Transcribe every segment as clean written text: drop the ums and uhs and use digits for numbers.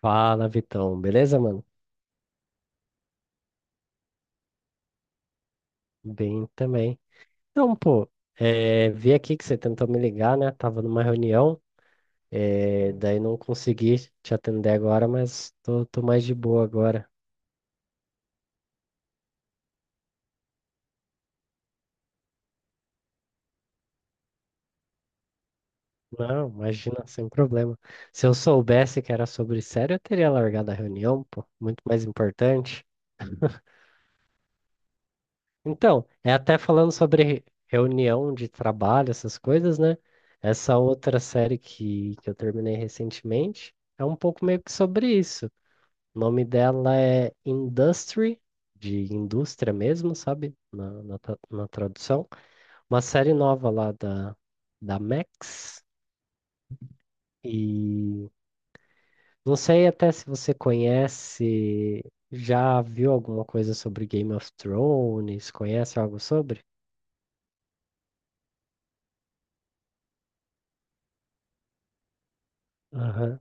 Fala, Vitão. Beleza, mano? Bem também. Então, pô, vi aqui que você tentou me ligar, né? Tava numa reunião, daí não consegui te atender agora, mas tô mais de boa agora. Não, imagina, sem problema. Se eu soubesse que era sobre sério, eu teria largado a reunião, pô, muito mais importante. Então, é até falando sobre reunião de trabalho, essas coisas, né? Essa outra série que eu terminei recentemente é um pouco meio que sobre isso. O nome dela é Industry, de indústria mesmo, sabe? Na tradução. Uma série nova lá da Max. E não sei até se você conhece, já viu alguma coisa sobre Game of Thrones, conhece algo sobre? Aham.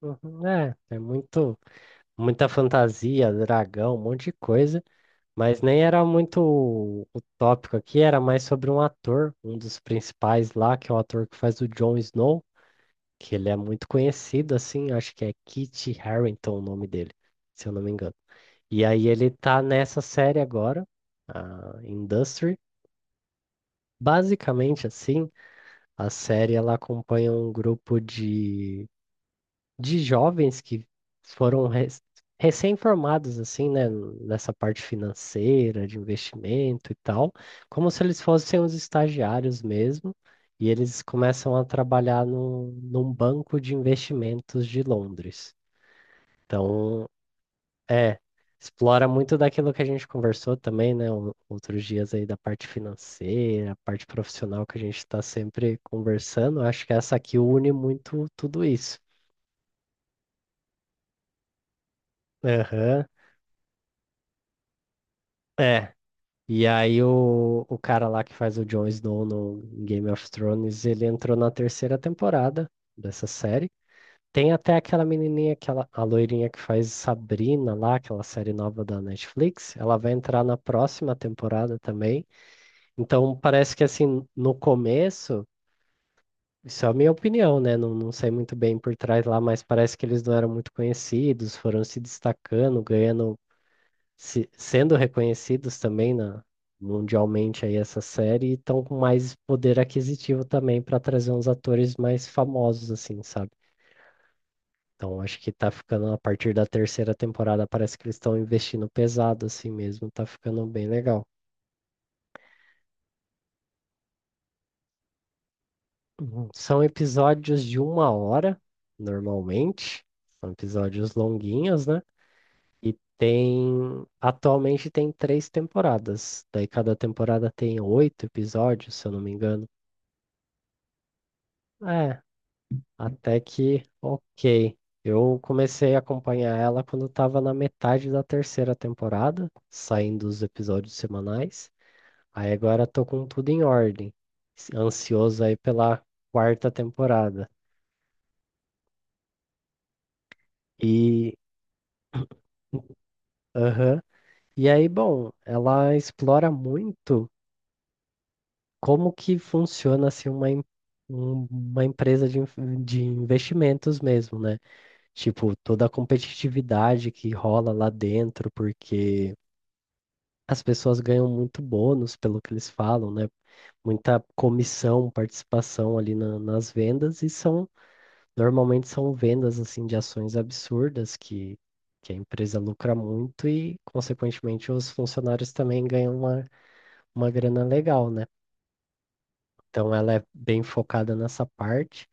Uhum. Muita fantasia, dragão, um monte de coisa. Mas nem era muito o tópico aqui, era mais sobre um ator, um dos principais lá, que é o ator que faz o Jon Snow, que ele é muito conhecido, assim, acho que é Kit Harington o nome dele, se eu não me engano. E aí ele tá nessa série agora, a Industry. Basicamente, assim, a série ela acompanha um grupo de jovens que foram res- recém-formados, assim, né, nessa parte financeira, de investimento e tal, como se eles fossem os estagiários mesmo, e eles começam a trabalhar no, num banco de investimentos de Londres. Então, é, explora muito daquilo que a gente conversou também, né, outros dias aí da parte financeira, a parte profissional que a gente está sempre conversando. Acho que essa aqui une muito tudo isso. Aham. É. E aí o cara lá que faz o Jon Snow no Game of Thrones, ele entrou na terceira temporada dessa série. Tem até aquela menininha, aquela, a loirinha que faz Sabrina lá, aquela série nova da Netflix, ela vai entrar na próxima temporada também. Então parece que, assim, no começo, isso é a minha opinião, né? Não sei muito bem por trás lá, mas parece que eles não eram muito conhecidos, foram se destacando, ganhando, sendo reconhecidos também mundialmente aí essa série, e estão com mais poder aquisitivo também para trazer uns atores mais famosos, assim, sabe? Então acho que tá ficando, a partir da terceira temporada, parece que eles estão investindo pesado assim mesmo, tá ficando bem legal. Uhum. São episódios de uma hora, normalmente. São episódios longuinhos, né? E tem. Atualmente tem três temporadas. Daí cada temporada tem oito episódios, se eu não me engano. É. Até que ok. Eu comecei a acompanhar ela quando estava na metade da terceira temporada, saindo os episódios semanais. Aí agora tô com tudo em ordem, ansioso aí pela quarta temporada. E aham. E aí, bom, ela explora muito como que funciona assim uma empresa de investimentos mesmo, né? Tipo, toda a competitividade que rola lá dentro, porque as pessoas ganham muito bônus pelo que eles falam, né? Muita comissão, participação ali nas vendas, e são normalmente são vendas assim de ações absurdas que a empresa lucra muito e consequentemente os funcionários também ganham uma grana legal, né? Então ela é bem focada nessa parte,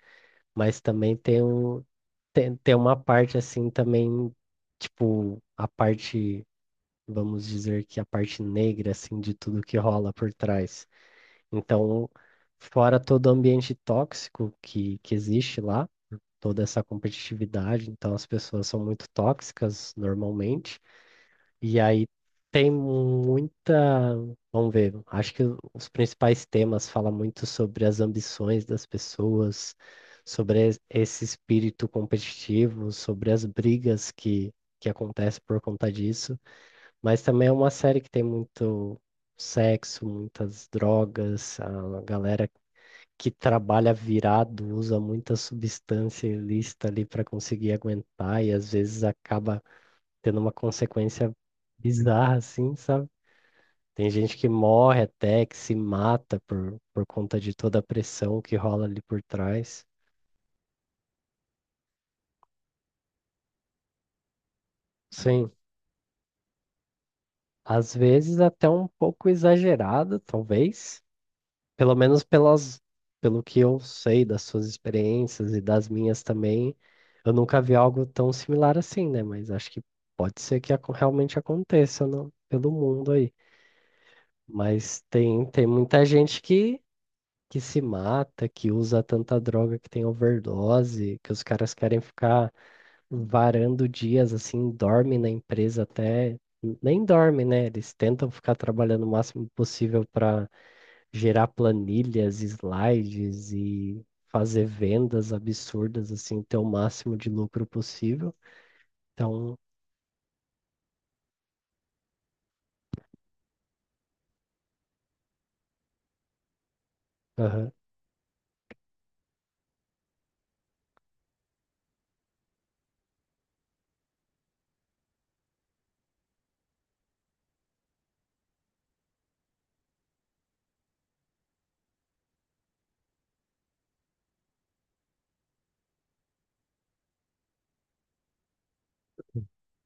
mas também tem uma parte assim também, tipo, vamos dizer que a parte negra assim de tudo que rola por trás. Então, fora todo o ambiente tóxico que existe lá, toda essa competitividade, então as pessoas são muito tóxicas normalmente, e aí tem muita. Vamos ver, acho que os principais temas falam muito sobre as ambições das pessoas, sobre esse espírito competitivo, sobre as brigas que acontecem por conta disso, mas também é uma série que tem muito sexo, muitas drogas, a galera que trabalha virado, usa muita substância ilícita ali para conseguir aguentar, e às vezes acaba tendo uma consequência bizarra, assim, sabe? Tem gente que morre até, que se mata por conta de toda a pressão que rola ali por trás. Sim, às vezes até um pouco exagerado, talvez. Pelo menos pelas, pelo que eu sei das suas experiências e das minhas também, eu nunca vi algo tão similar assim, né? Mas acho que pode ser que realmente aconteça pelo mundo aí. Mas tem muita gente que se mata, que usa tanta droga que tem overdose, que os caras querem ficar varando dias assim, dorme na empresa até. Nem dorme, né? Eles tentam ficar trabalhando o máximo possível para gerar planilhas, slides e fazer vendas absurdas, assim, ter o máximo de lucro possível. Então, aham,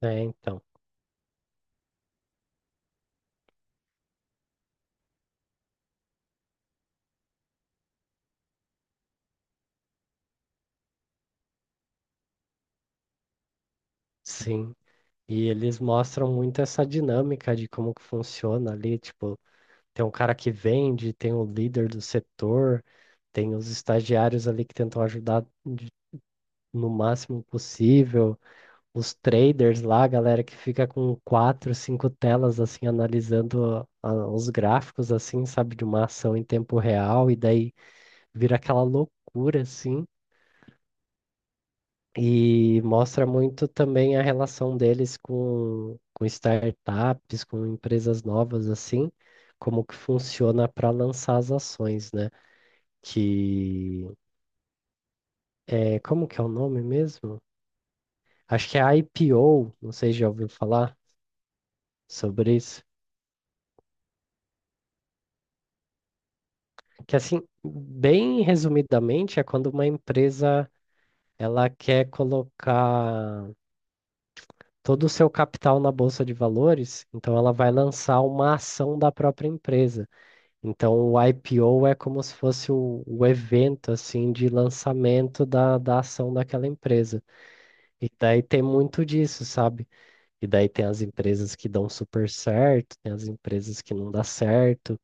é, então, sim. E eles mostram muito essa dinâmica de como que funciona ali, tipo, tem um cara que vende, tem o líder do setor, tem os estagiários ali que tentam ajudar no máximo possível. Os traders lá, a galera que fica com quatro, cinco telas assim analisando os gráficos, assim, sabe, de uma ação em tempo real, e daí vira aquela loucura assim. E mostra muito também a relação deles com startups, com empresas novas assim, como que funciona para lançar as ações, né? Que é, como que é o nome mesmo? Acho que é IPO, não sei se já ouviu falar sobre isso. Que assim, bem resumidamente, é quando uma empresa ela quer colocar todo o seu capital na bolsa de valores, então ela vai lançar uma ação da própria empresa. Então o IPO é como se fosse o evento assim de lançamento da ação daquela empresa. E daí tem muito disso, sabe? E daí tem as empresas que dão super certo, tem as empresas que não dá certo.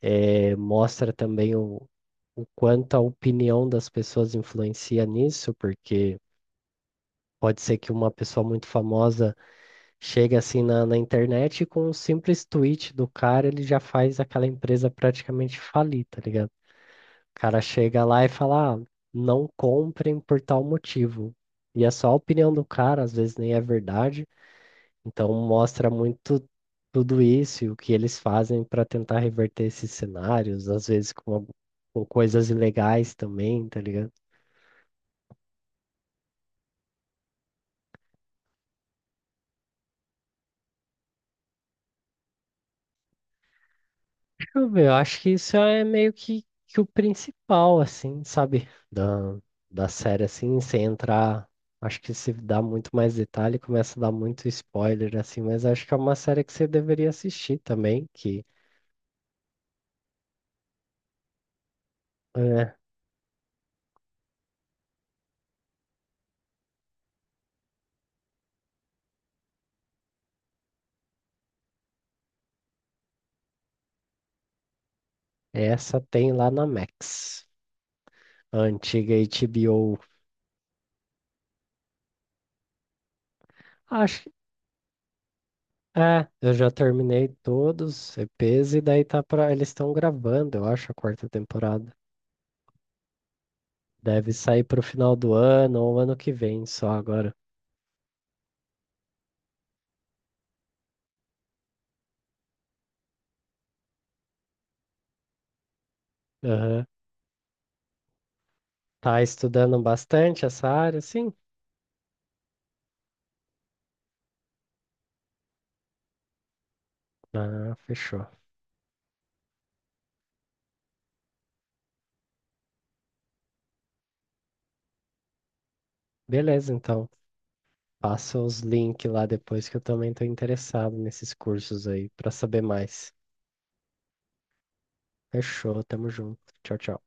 Mostra também o quanto a opinião das pessoas influencia nisso, porque pode ser que uma pessoa muito famosa chegue assim na internet e com um simples tweet do cara, ele já faz aquela empresa praticamente falir, tá ligado? O cara chega lá e fala, ah, não comprem por tal motivo. E é só a opinião do cara, às vezes nem é verdade, então mostra muito tudo isso e o que eles fazem para tentar reverter esses cenários, às vezes com coisas ilegais também, tá ligado? Deixa eu ver, eu acho que isso é meio que o principal, assim, sabe? Da, da série, assim, sem entrar. Acho que se dá muito mais detalhe, começa a dar muito spoiler, assim, mas acho que é uma série que você deveria assistir também, que é, essa tem lá na Max, a antiga HBO. Acho, é, eu já terminei todos os EPs e daí tá pra. Eles estão gravando, eu acho, a quarta temporada. Deve sair pro final do ano ou ano que vem só agora. Aham. Tá estudando bastante essa área, sim? Ah, fechou. Beleza, então. Passa os links lá depois que eu também tô interessado nesses cursos aí pra saber mais. Fechou, tamo junto. Tchau, tchau.